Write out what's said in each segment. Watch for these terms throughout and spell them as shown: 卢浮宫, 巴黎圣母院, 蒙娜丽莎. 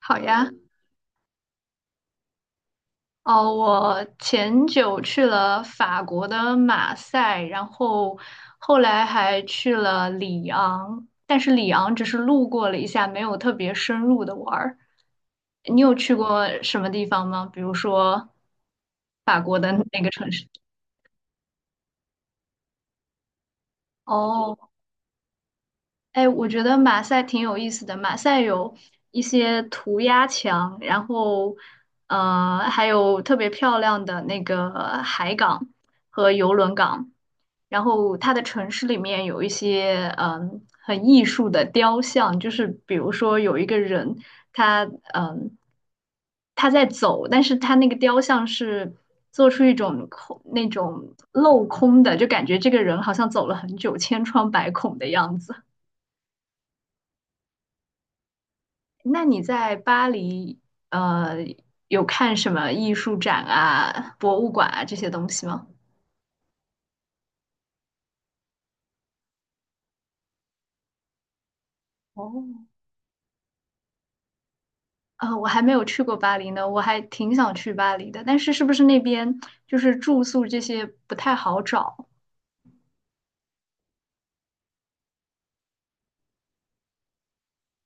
好呀，哦，我前久去了法国的马赛，然后后来还去了里昂，但是里昂只是路过了一下，没有特别深入的玩儿。你有去过什么地方吗？比如说法国的那个城市？哦。哎，我觉得马赛挺有意思的。马赛有一些涂鸦墙，然后，还有特别漂亮的那个海港和游轮港。然后，它的城市里面有一些很艺术的雕像，就是比如说有一个人，他嗯他在走，但是他那个雕像是做出一种空那种镂空的，就感觉这个人好像走了很久，千疮百孔的样子。那你在巴黎，呃，有看什么艺术展啊、博物馆啊这些东西吗？哦，我还没有去过巴黎呢，我还挺想去巴黎的，但是是不是那边就是住宿这些不太好找？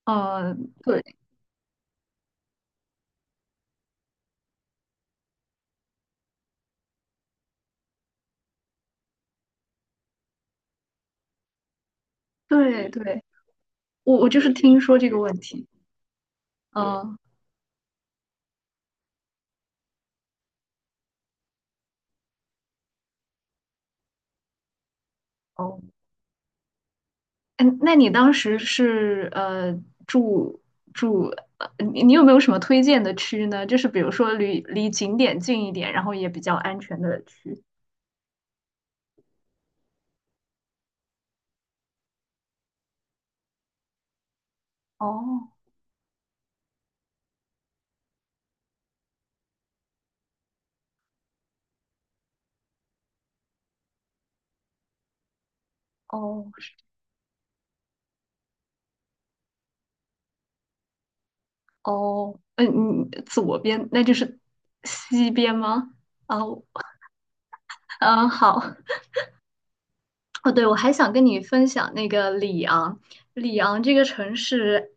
呃，对对对，我就是听说这个问题。嗯，哦。嗯，那你当时是住住，你有没有什么推荐的区呢？就是比如说离景点近一点，然后也比较安全的区。哦哦哦，嗯嗯，你左边那就是西边吗？哦，嗯，好。哦，对，我还想跟你分享那个里昂，里昂这个城市，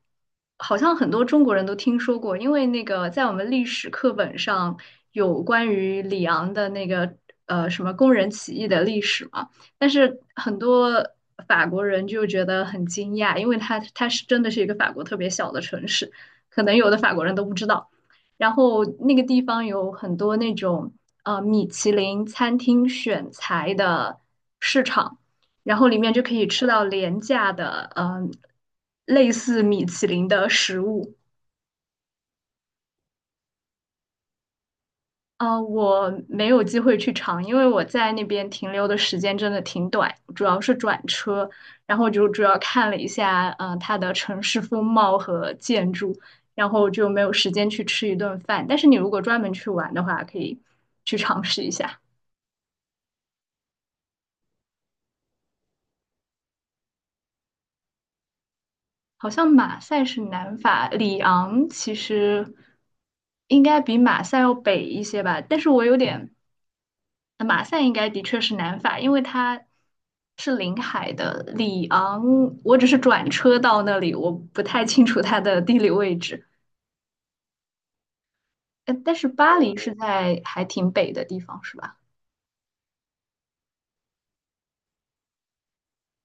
好像很多中国人都听说过，因为那个在我们历史课本上有关于里昂的那个什么工人起义的历史嘛，但是很多法国人就觉得很惊讶，因为它是真的是一个法国特别小的城市，可能有的法国人都不知道。然后那个地方有很多那种米其林餐厅选材的市场。然后里面就可以吃到廉价的，嗯、类似米其林的食物。呃，我没有机会去尝，因为我在那边停留的时间真的挺短，主要是转车，然后就主要看了一下，嗯、它的城市风貌和建筑，然后就没有时间去吃一顿饭。但是你如果专门去玩的话，可以去尝试一下。好像马赛是南法，里昂其实应该比马赛要北一些吧，但是我有点马赛应该的确是南法，因为它是临海的。里昂，我只是转车到那里，我不太清楚它的地理位置。呃，但是巴黎是在还挺北的地方，是吧？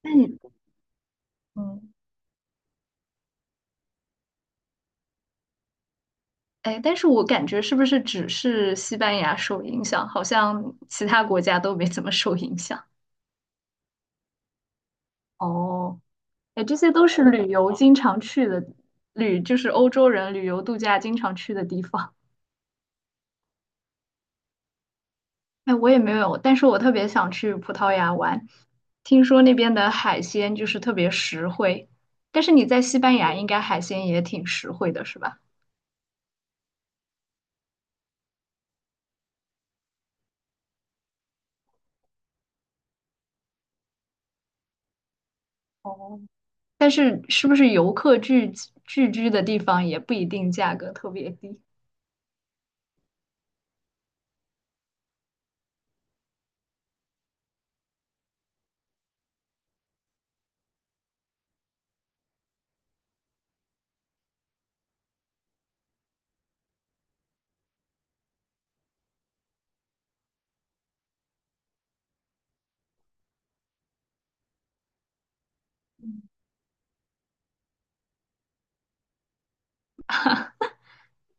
那你，嗯，哎，但是我感觉是不是只是西班牙受影响，好像其他国家都没怎么受影响？哦，哎，这些都是旅游经常去的，旅就是欧洲人旅游度假经常去的地方。哎，我也没有，但是我特别想去葡萄牙玩，听说那边的海鲜就是特别实惠，但是你在西班牙应该海鲜也挺实惠的，是吧？哦，但是是不是游客聚集聚居的地方也不一定价格特别低？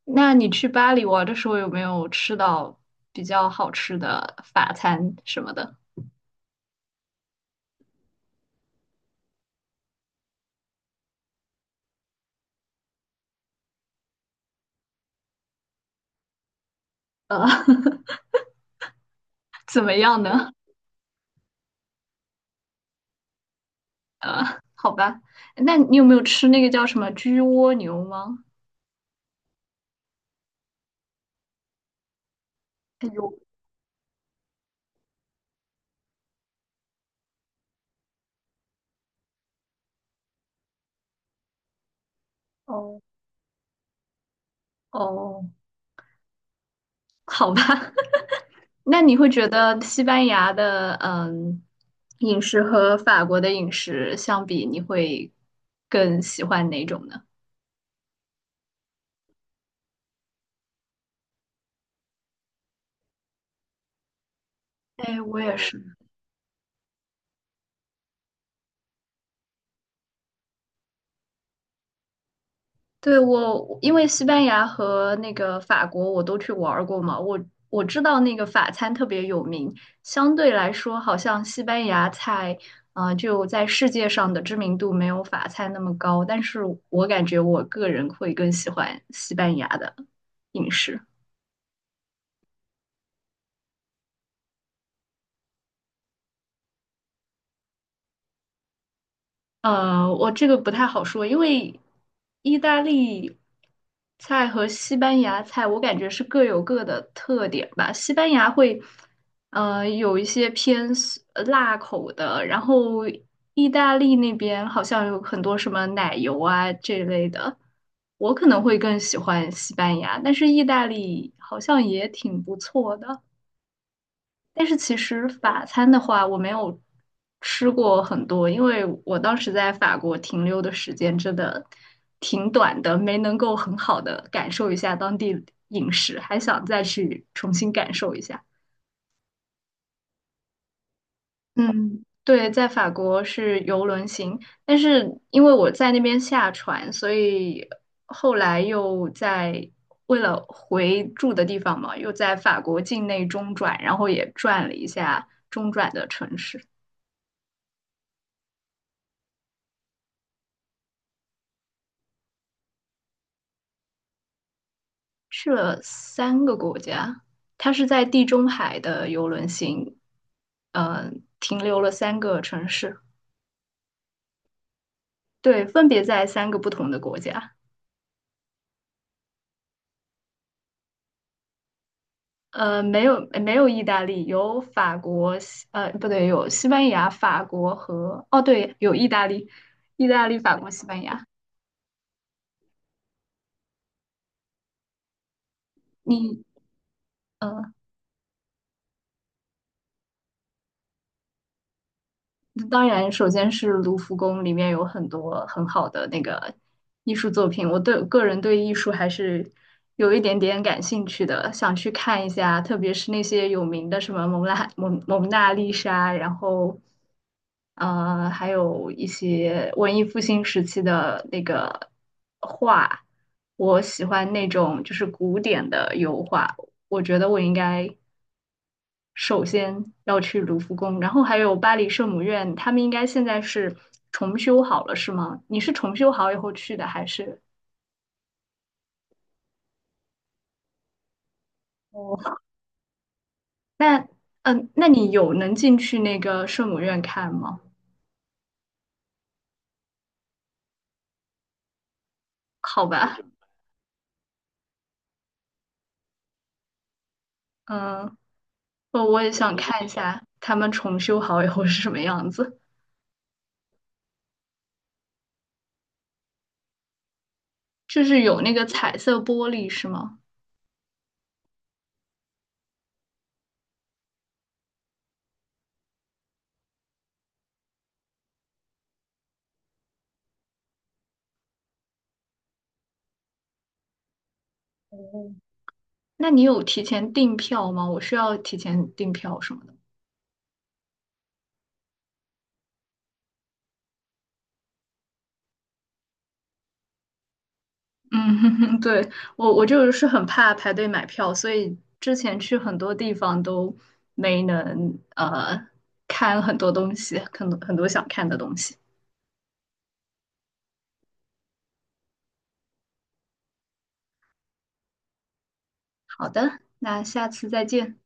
那你去巴黎玩的时候有没有吃到比较好吃的法餐什么的？呃，怎么样呢？呃，好吧，那你有没有吃那个叫什么焗蜗牛吗？有，哦哦，好吧，那你会觉得西班牙的饮食和法国的饮食相比，你会更喜欢哪种呢？哎，我也是。对，我，因为西班牙和那个法国我都去玩儿过嘛，我知道那个法餐特别有名，相对来说好像西班牙菜啊，就在世界上的知名度没有法餐那么高，但是我感觉我个人会更喜欢西班牙的饮食。呃，我这个不太好说，因为意大利菜和西班牙菜，我感觉是各有各的特点吧。西班牙会，有一些偏 辣口的，然后意大利那边好像有很多什么奶油啊这类的。我可能会更喜欢西班牙，但是意大利好像也挺不错的。但是其实法餐的话，我没有吃过很多，因为我当时在法国停留的时间真的挺短的，没能够很好的感受一下当地饮食，还想再去重新感受一下。嗯，对，在法国是游轮行，但是因为我在那边下船，所以后来又在为了回住的地方嘛，又在法国境内中转，然后也转了一下中转的城市。去了三个国家，它是在地中海的游轮行，呃，停留了三个城市，对，分别在三个不同的国家。呃，没有没有意大利，有法国，西不对，有西班牙、法国和，哦，对，有意大利，意大利、法国、西班牙。你呃当然，首先是卢浮宫里面有很多很好的那个艺术作品，我对个人对艺术还是有一点点感兴趣的，想去看一下，特别是那些有名的什么蒙娜丽莎，然后还有一些文艺复兴时期的那个画，我喜欢那种就是古典的油画，我觉得我应该。首先要去卢浮宫，然后还有巴黎圣母院，他们应该现在是重修好了，是吗？你是重修好以后去的，还是？哦，那那你有能进去那个圣母院看吗？好吧，嗯，我也想看一下他们重修好以后是什么样子，就是有那个彩色玻璃是吗？那你有提前订票吗？我需要提前订票什么的吗？嗯，对，我就是很怕排队买票，所以之前去很多地方都没能看很多东西，很多很多想看的东西。好的，那下次再见。